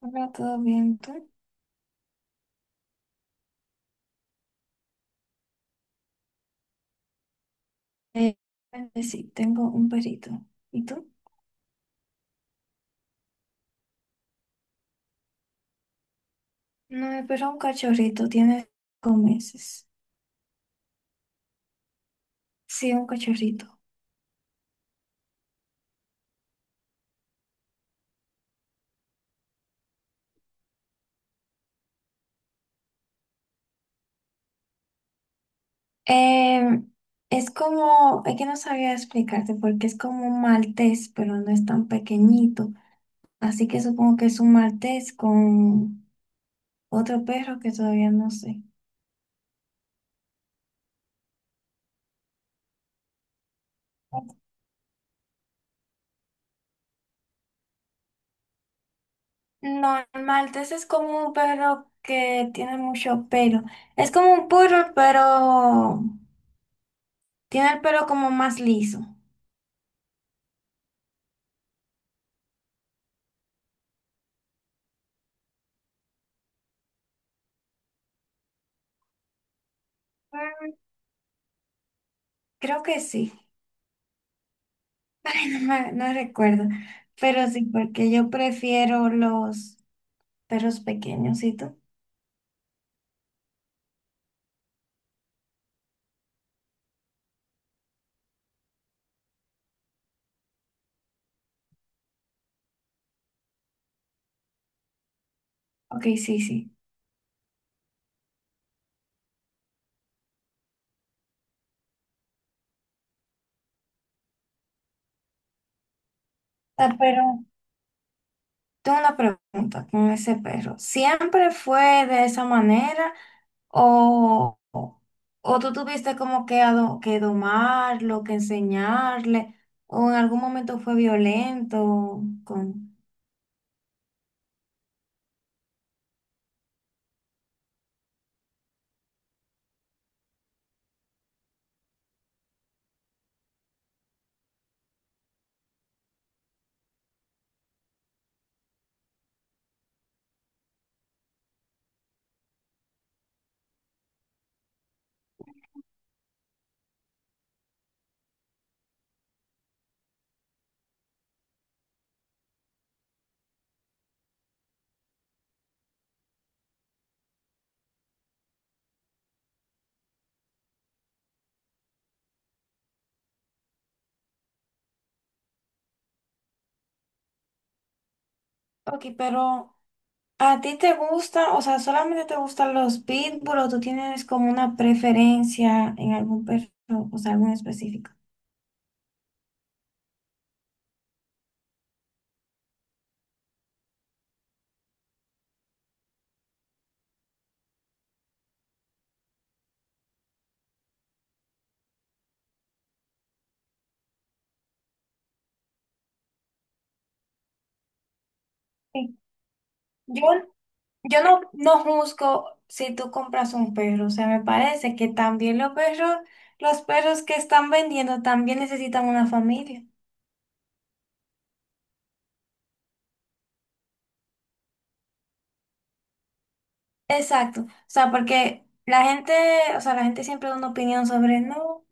Hola, ¿todo bien? ¿Tú? Eh, sí, tengo un perrito. ¿Y tú? No, pero un cachorrito, tiene cinco meses. Sí, un cachorrito. Eh, es como, es que no sabía explicarte porque es como un maltés, pero no es tan pequeñito. Así que supongo que es un maltés con otro perro que todavía no sé. No, el maltés es como un perro que tiene mucho pelo. Es como un poodle, pero tiene el pelo como más liso. Mm, creo que sí. Ay, no recuerdo. Pero sí, porque yo prefiero los perros pequeños, ¿y tú? Ok, sí, sí. Ah, pero tengo una pregunta con ese perro. ¿Siempre fue de esa manera o, o, o tú tuviste como que, que domarlo, que enseñarle, o en algún momento fue violento con... Ok, pero... ¿A ti te gusta, o sea, solamente te gustan los pitbull o tú tienes como una preferencia en algún perro, o sea, algún específico? Sí. Yo, yo no juzgo si tú compras un perro, o sea, me parece que también los perros que están vendiendo también necesitan una familia. Exacto, o sea, porque la gente, o sea, la gente siempre da una opinión sobre, no,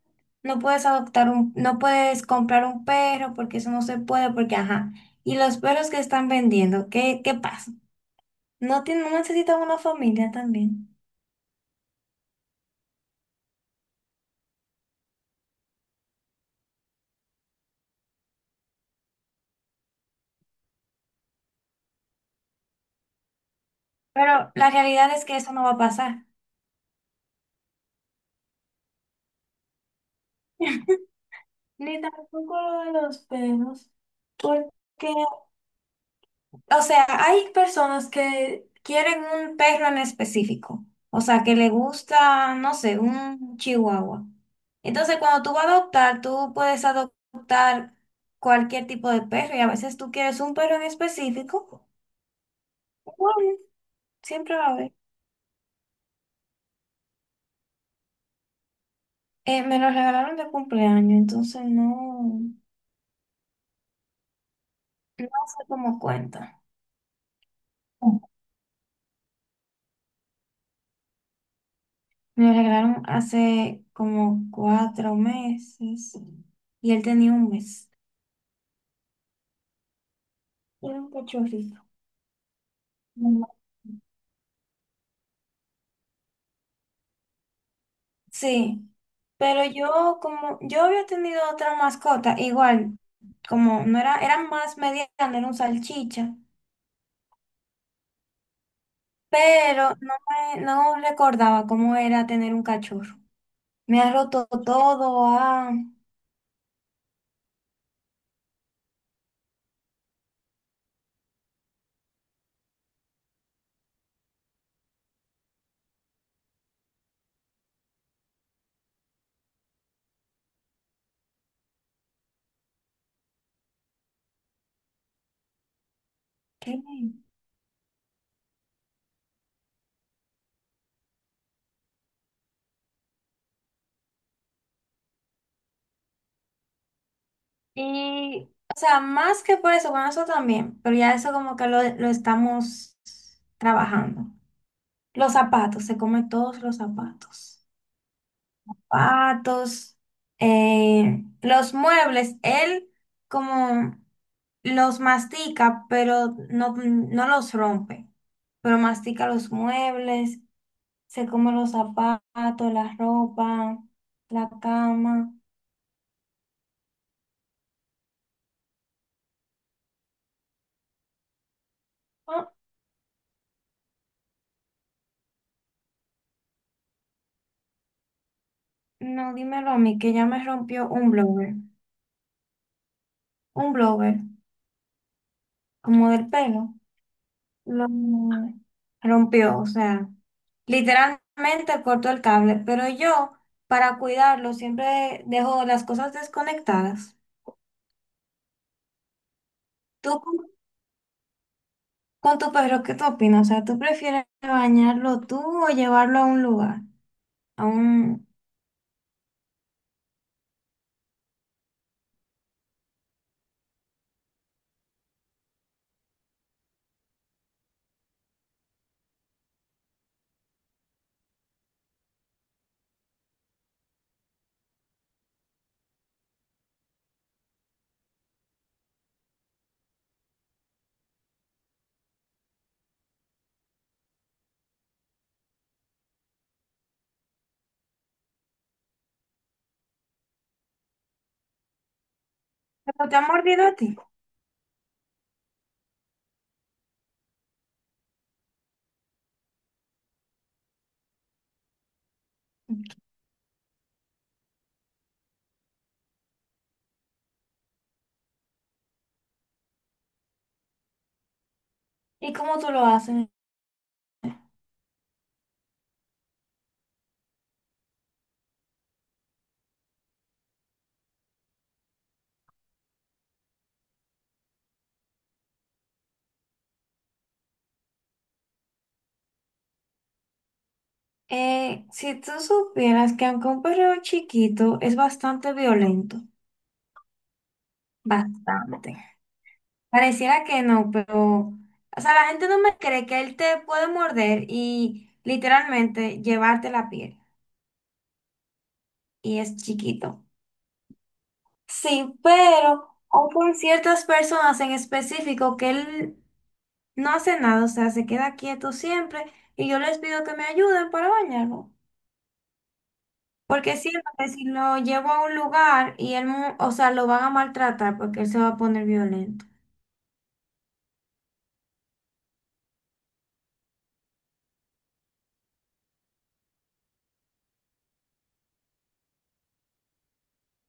no puedes adoptar no puedes comprar un perro porque eso no se puede, porque ajá. Y los perros que están vendiendo, ¿ qué pasa? No tienen, no necesitan una familia también. Pero la realidad es que eso no va a pasar. Ni tampoco lo de los perros, porque... O sea, hay personas que quieren un perro en específico. O sea, que le gusta, no sé, un chihuahua. Entonces, cuando tú vas a adoptar, tú puedes adoptar cualquier tipo de perro y a veces tú quieres un perro en específico. Bueno, siempre va a haber. Me lo regalaron de cumpleaños, entonces no, no sé cómo cuenta. Me lo regalaron hace como cuatro meses y él tenía un mes. Era un cachorrito. Mm. Sí, pero yo como yo había tenido otra mascota, igual, como no era, eran más mediana, era un salchicha, pero no no recordaba cómo era tener un cachorro. Me ha roto todo, ah, ¿qué? Y, o sea, más que por eso, bueno, eso también, pero ya eso como que lo estamos trabajando. Los zapatos, se come todos los zapatos. Zapatos, los muebles, él como los mastica, pero no, no los rompe, pero mastica los muebles, se come los zapatos, la ropa, la cama. Ah, no, dímelo a mí, que ya me rompió un blower, como del pelo. Lo rompió, o sea, literalmente cortó el cable, pero yo para cuidarlo siempre dejo las cosas desconectadas. Tú con, con tu perro, ¿qué tú opinas? O sea, ¿tú prefieres bañarlo tú o llevarlo a un lugar? A un... ¿Pero te ha mordido a ti? ¿Y cómo tú lo haces? Si tú supieras que aunque un perro chiquito es bastante violento, bastante. Pareciera que no, pero, o sea, la gente no me cree que él te puede morder y literalmente llevarte la piel. Y es chiquito. Sí, pero, o por ciertas personas en específico que él no hace nada, o sea, se queda quieto siempre y yo les pido que me ayuden para bañarlo. Porque siento que si lo llevo a un lugar y él, o sea, lo van a maltratar porque él se va a poner violento.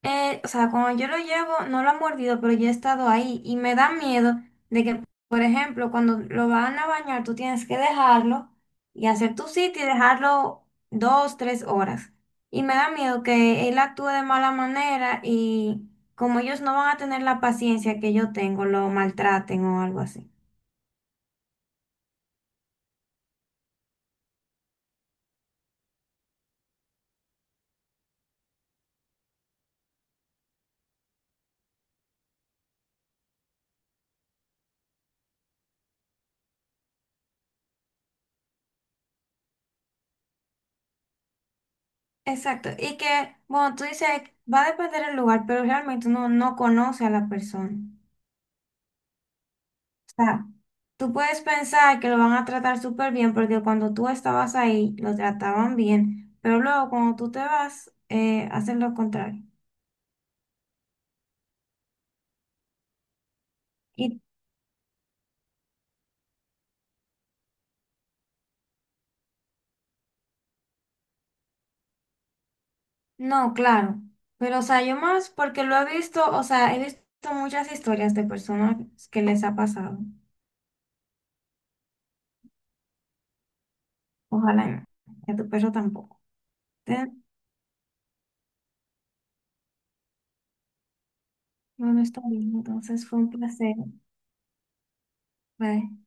O sea, cuando yo lo llevo, no lo han mordido, pero yo he estado ahí y me da miedo de que, por ejemplo, cuando lo van a bañar, tú tienes que dejarlo y hacer tu sitio y dejarlo dos, tres horas. Y me da miedo que él actúe de mala manera y como ellos no van a tener la paciencia que yo tengo, lo maltraten o algo así. Exacto. Y que, bueno, tú dices, va a depender del lugar, pero realmente uno no conoce a la persona. O sea, tú puedes pensar que lo van a tratar súper bien porque cuando tú estabas ahí lo trataban bien, pero luego cuando tú te vas, hacen lo contrario. Y no, claro, pero o sea, yo más porque lo he visto, o sea, he visto muchas historias de personas que les ha pasado. Ojalá no, y a tu perro tampoco. Te- Bueno, está bien, entonces fue un placer. Bye.